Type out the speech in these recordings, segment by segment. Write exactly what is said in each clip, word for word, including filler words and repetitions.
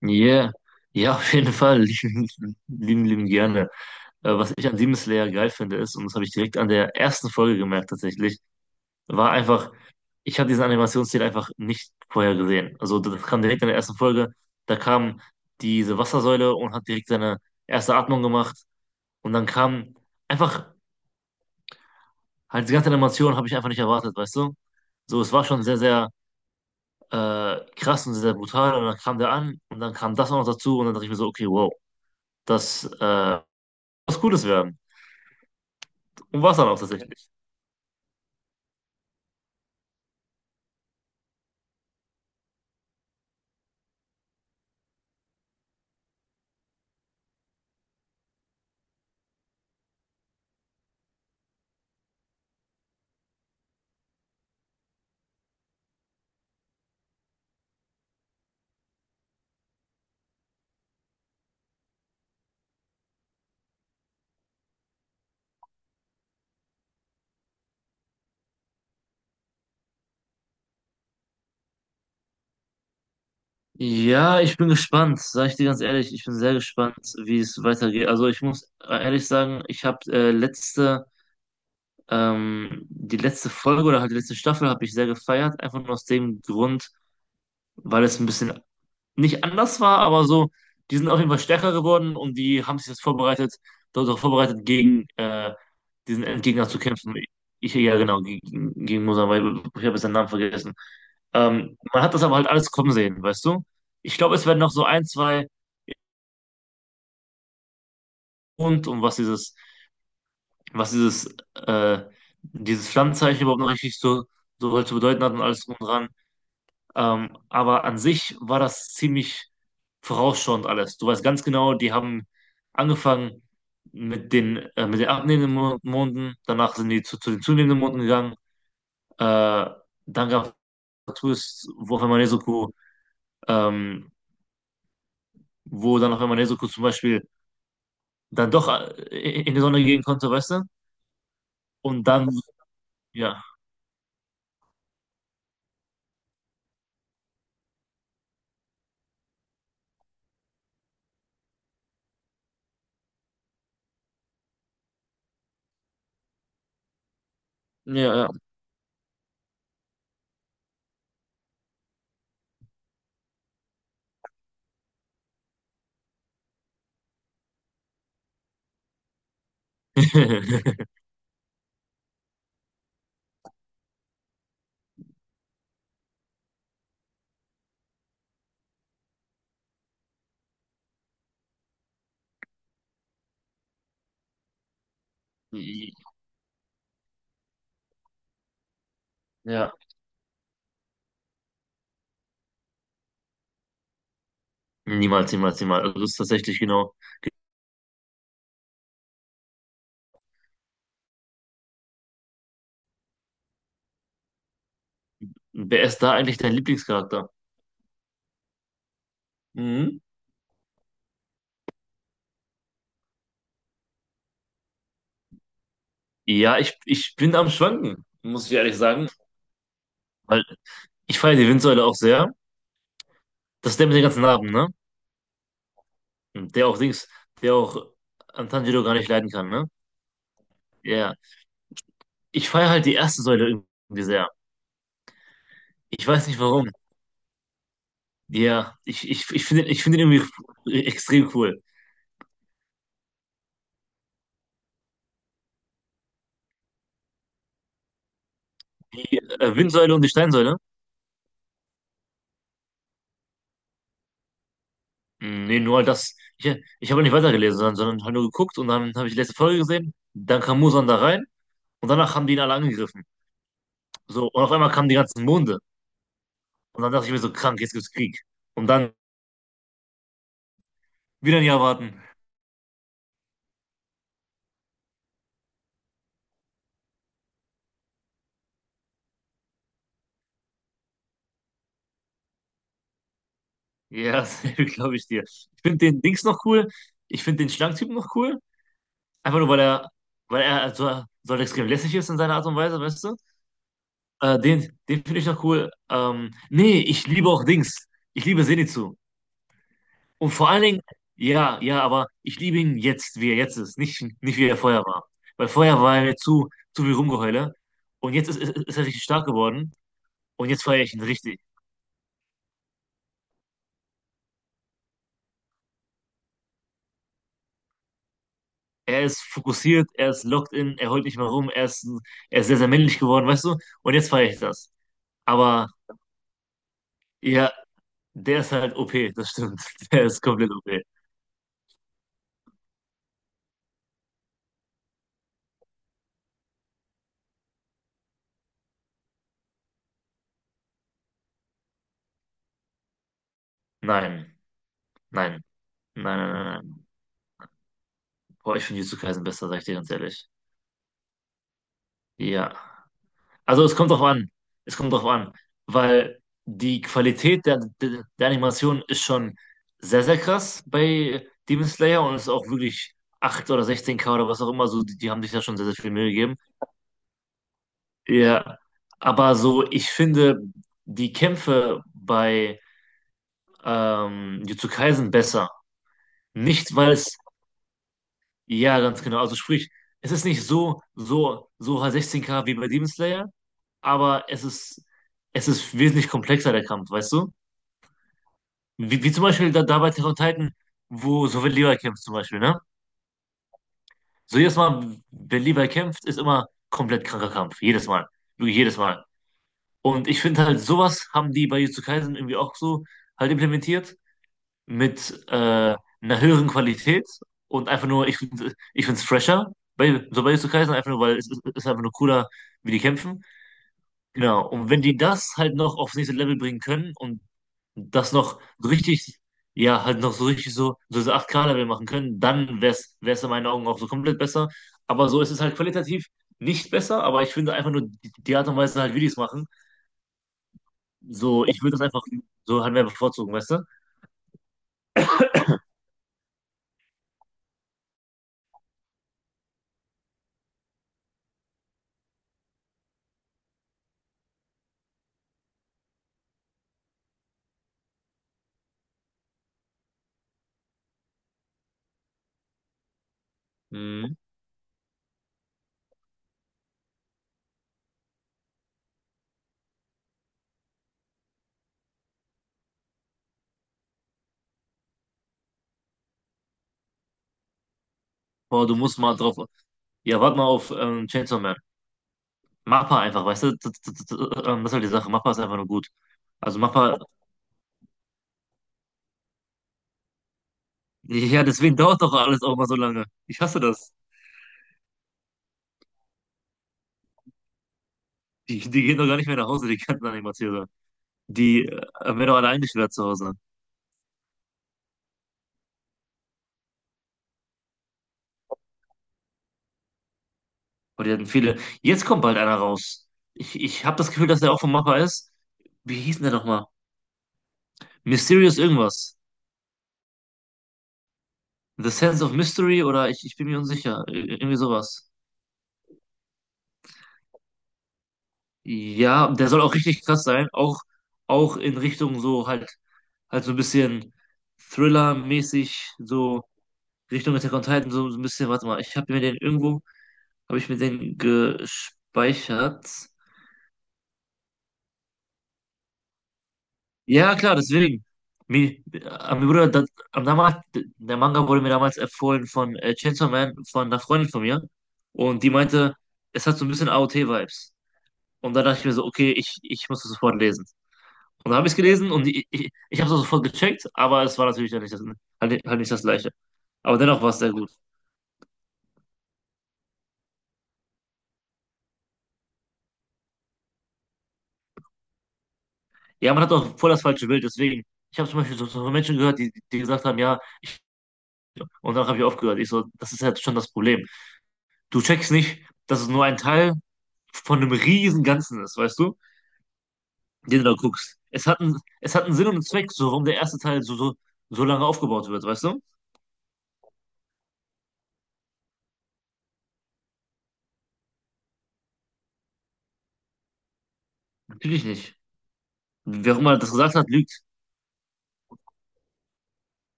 Ja, Ja, auf jeden Fall. Lieben, lieben, lieben gerne. Äh, was ich an Demon Slayer geil finde, ist, und das habe ich direkt an der ersten Folge gemerkt tatsächlich, war einfach, ich habe diesen Animationsstil einfach nicht vorher gesehen. Also das kam direkt in der ersten Folge. Da kam diese Wassersäule und hat direkt seine erste Atmung gemacht. Und dann kam einfach, halt die ganze Animation habe ich einfach nicht erwartet, weißt du? So, es war schon sehr, sehr äh, krass und sehr, sehr brutal. Und dann kam der an und dann kam das auch noch dazu und dann dachte ich mir so, okay, wow, das äh, was Gutes werden. Und war es dann auch tatsächlich. Ja, ich bin gespannt, sage ich dir ganz ehrlich. Ich bin sehr gespannt, wie es weitergeht. Also ich muss ehrlich sagen, ich habe äh, letzte, ähm, die letzte Folge oder halt die letzte Staffel habe ich sehr gefeiert, einfach nur aus dem Grund, weil es ein bisschen nicht anders war, aber so, die sind auf jeden Fall stärker geworden und die haben sich jetzt vorbereitet, dort auch vorbereitet, gegen äh, diesen Endgegner zu kämpfen. Ich, ja, genau, gegen, gegen Mosambik, ich habe jetzt seinen Namen vergessen. Ähm, man hat das aber halt alles kommen sehen, weißt du? Ich glaube, es werden noch so ein, zwei und um was dieses, was dieses, äh, dieses Pflanzenzeichen überhaupt noch richtig so, so halt zu bedeuten hat und alles drum und dran. Ähm, aber an sich war das ziemlich vorausschauend alles. Du weißt ganz genau, die haben angefangen mit den, äh, mit den abnehmenden Mo- Monden, danach sind die zu, zu den zunehmenden Monden gegangen. Äh, Dann gab es Twists, wo auf einmal Nezuko, ähm, wo dann auf einmal Nezuko zum Beispiel dann doch äh, in die Sonne gehen konnte, weißt du? Und dann, ja, ja, ja. Ja. Niemals, niemals, niemals. Also das ist tatsächlich genau. Wer ist da eigentlich dein Lieblingscharakter? Mhm. Ja, ich, ich bin am Schwanken, muss ich ehrlich sagen. Weil ich feiere die Windsäule auch sehr. Das ist der mit den ganzen Narben, ne? Der auch Dings, der auch Antanjiro gar nicht leiden kann, ne? Ja. Ich feiere halt die erste Säule irgendwie sehr. Ich weiß nicht warum. Ja, ich, ich, ich finde ich finde den irgendwie extrem cool. Die äh, Windsäule und die Steinsäule? Hm, nee, nur halt das. Ich, ich habe nicht weitergelesen, sondern, sondern halt nur geguckt und dann habe ich die letzte Folge gesehen. Dann kam Muzan da rein und danach haben die ihn alle angegriffen. So, und auf einmal kamen die ganzen Monde. Und dann dachte ich mir so, krank, jetzt gibt's Krieg. Und dann wieder ein Jahr warten. Ja, glaube ich dir. Ich finde den Dings noch cool. Ich finde den Schlangentypen noch cool. Einfach nur, weil er, weil er so, so halt extrem lässig ist in seiner Art und Weise, weißt du? Äh, den den finde ich noch cool. Ähm, nee, ich liebe auch Dings. Ich liebe Zenitsu. Und vor allen Dingen, ja, ja, aber ich liebe ihn jetzt, wie er jetzt ist. Nicht, nicht wie er vorher war. Weil vorher war er zu, zu viel Rumgeheule. Und jetzt ist, ist, ist er richtig stark geworden. Und jetzt feiere ich ihn richtig. Er ist fokussiert, er ist locked in, er holt nicht mehr rum, er ist, er ist sehr, sehr männlich geworden, weißt du? Und jetzt feiere ich das. Aber ja, der ist halt O P, das stimmt. Der ist komplett O P. Nein, nein, nein, nein, nein. Nein. Boah, ich finde Jujutsu Kaisen besser, sag ich dir ganz ehrlich. Ja. Also es kommt drauf an. Es kommt drauf an. Weil die Qualität der, der, der Animation ist schon sehr, sehr krass bei Demon Slayer und ist auch wirklich acht oder sechzehn k oder was auch immer. So, die, die haben sich da schon sehr, sehr viel Mühe gegeben. Ja, aber so, ich finde die Kämpfe bei ähm, Jujutsu Kaisen besser. Nicht, weil es, ja, ganz genau, also sprich, es ist nicht so, so, so sechzehn K wie bei Demon Slayer, aber es ist, es ist wesentlich komplexer, der Kampf, weißt du? Wie, wie zum Beispiel da, da bei Attack on Titan, wo so wenn Levi kämpft zum Beispiel, ne? So jedes Mal, wenn Levi kämpft, ist immer komplett kranker Kampf. Jedes Mal. Wirklich jedes Mal. Und ich finde halt, sowas haben die bei Jujutsu Kaisen irgendwie auch so halt implementiert mit äh, einer höheren Qualität und einfach nur, ich finde ich find's fresher, bei, so bei Jujutsu Kaisen, einfach nur, weil es, ist- ist einfach nur cooler, wie die kämpfen. Genau, und wenn die das halt noch aufs nächste Level bringen können und das noch so richtig, ja, halt noch so richtig so, so diese acht K-Level machen können, dann wäre es in meinen Augen auch so komplett besser. Aber so ist es halt qualitativ nicht besser, aber ich finde einfach nur die, die Art und Weise halt, wie die es machen so, ich würde das einfach so halt mehr bevorzugen, weißt du? Mhm. Boah, du musst mal drauf. Ja, warte mal auf ähm, Chainsaw Man. Mappa einfach, weißt du? Das, das, das, ähm, das ist halt die Sache. Mappa ist einfach nur gut. Also Mappa, ja, deswegen dauert doch alles auch mal so lange. Ich hasse das. Die, die gehen doch gar nicht mehr nach Hause, die ganzen Animateure. Die äh, werden doch alle eingesperrt zu Hause. Und die hatten viele. Jetzt kommt bald einer raus. Ich, ich habe das Gefühl, dass der auch von Mappa ist. Wie hieß denn der nochmal? Mysterious irgendwas. The Sense of Mystery oder ich, ich bin mir unsicher. Ir- Irgendwie sowas. Ja, der soll auch richtig krass sein. Auch, auch in Richtung so halt, halt so ein bisschen Thriller-mäßig, so Richtung Attack on Titan, so so ein bisschen, warte mal, ich habe mir den irgendwo, habe ich mir den gespeichert. Ja, klar, deswegen. Mir, äh, mir wurde das, am damals, der Manga wurde mir damals empfohlen von äh, Chainsaw Man, von einer Freundin von mir. Und die meinte, es hat so ein bisschen A O T-Vibes. Und da dachte ich mir so, okay, ich, ich muss das sofort lesen. Und dann habe ich es gelesen und ich, ich, ich habe es sofort gecheckt, aber es war natürlich dann nicht das, halt, nicht- halt nicht das Gleiche. Aber dennoch war es sehr gut. Ja, man hat auch voll das falsche Bild, deswegen. Ich habe zum Beispiel so so von Menschen gehört, die, die gesagt haben, ja, und dann habe ich aufgehört. Ich so, das ist ja schon das Problem. Du checkst nicht, dass es nur ein Teil von einem riesen Ganzen ist, weißt du, den du da guckst. Es hat einen, es hat einen Sinn und einen Zweck, so warum der erste Teil so, so, so lange aufgebaut wird, weißt du? Natürlich nicht. Wer auch immer das gesagt hat, lügt.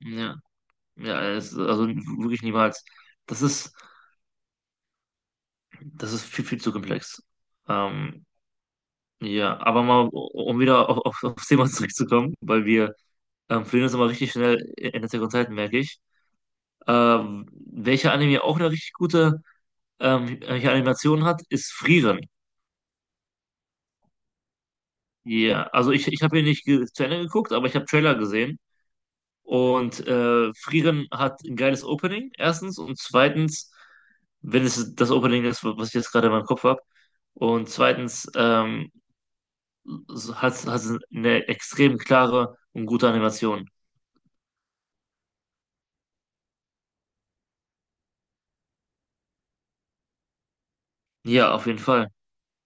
Ja, ja, es, also wirklich niemals. Das ist. Das ist viel, viel zu komplex. Ähm, ja, aber mal, um wieder auf, auf, aufs Thema zurückzukommen, weil wir ähm, verlieren uns immer richtig schnell in der Zeit, merke ich. Ähm, welcher Anime auch eine richtig gute ähm, Welche Animation hat, ist Frieren. Ja, also ich, ich habe ihn nicht ge- zu Ende geguckt, aber ich habe Trailer gesehen. Und äh, Frieren hat ein geiles Opening, erstens. Und zweitens, wenn es das Opening ist, was ich jetzt gerade in meinem Kopf habe. Und zweitens, ähm, hat, hat eine extrem klare und gute Animation. Ja, auf jeden Fall.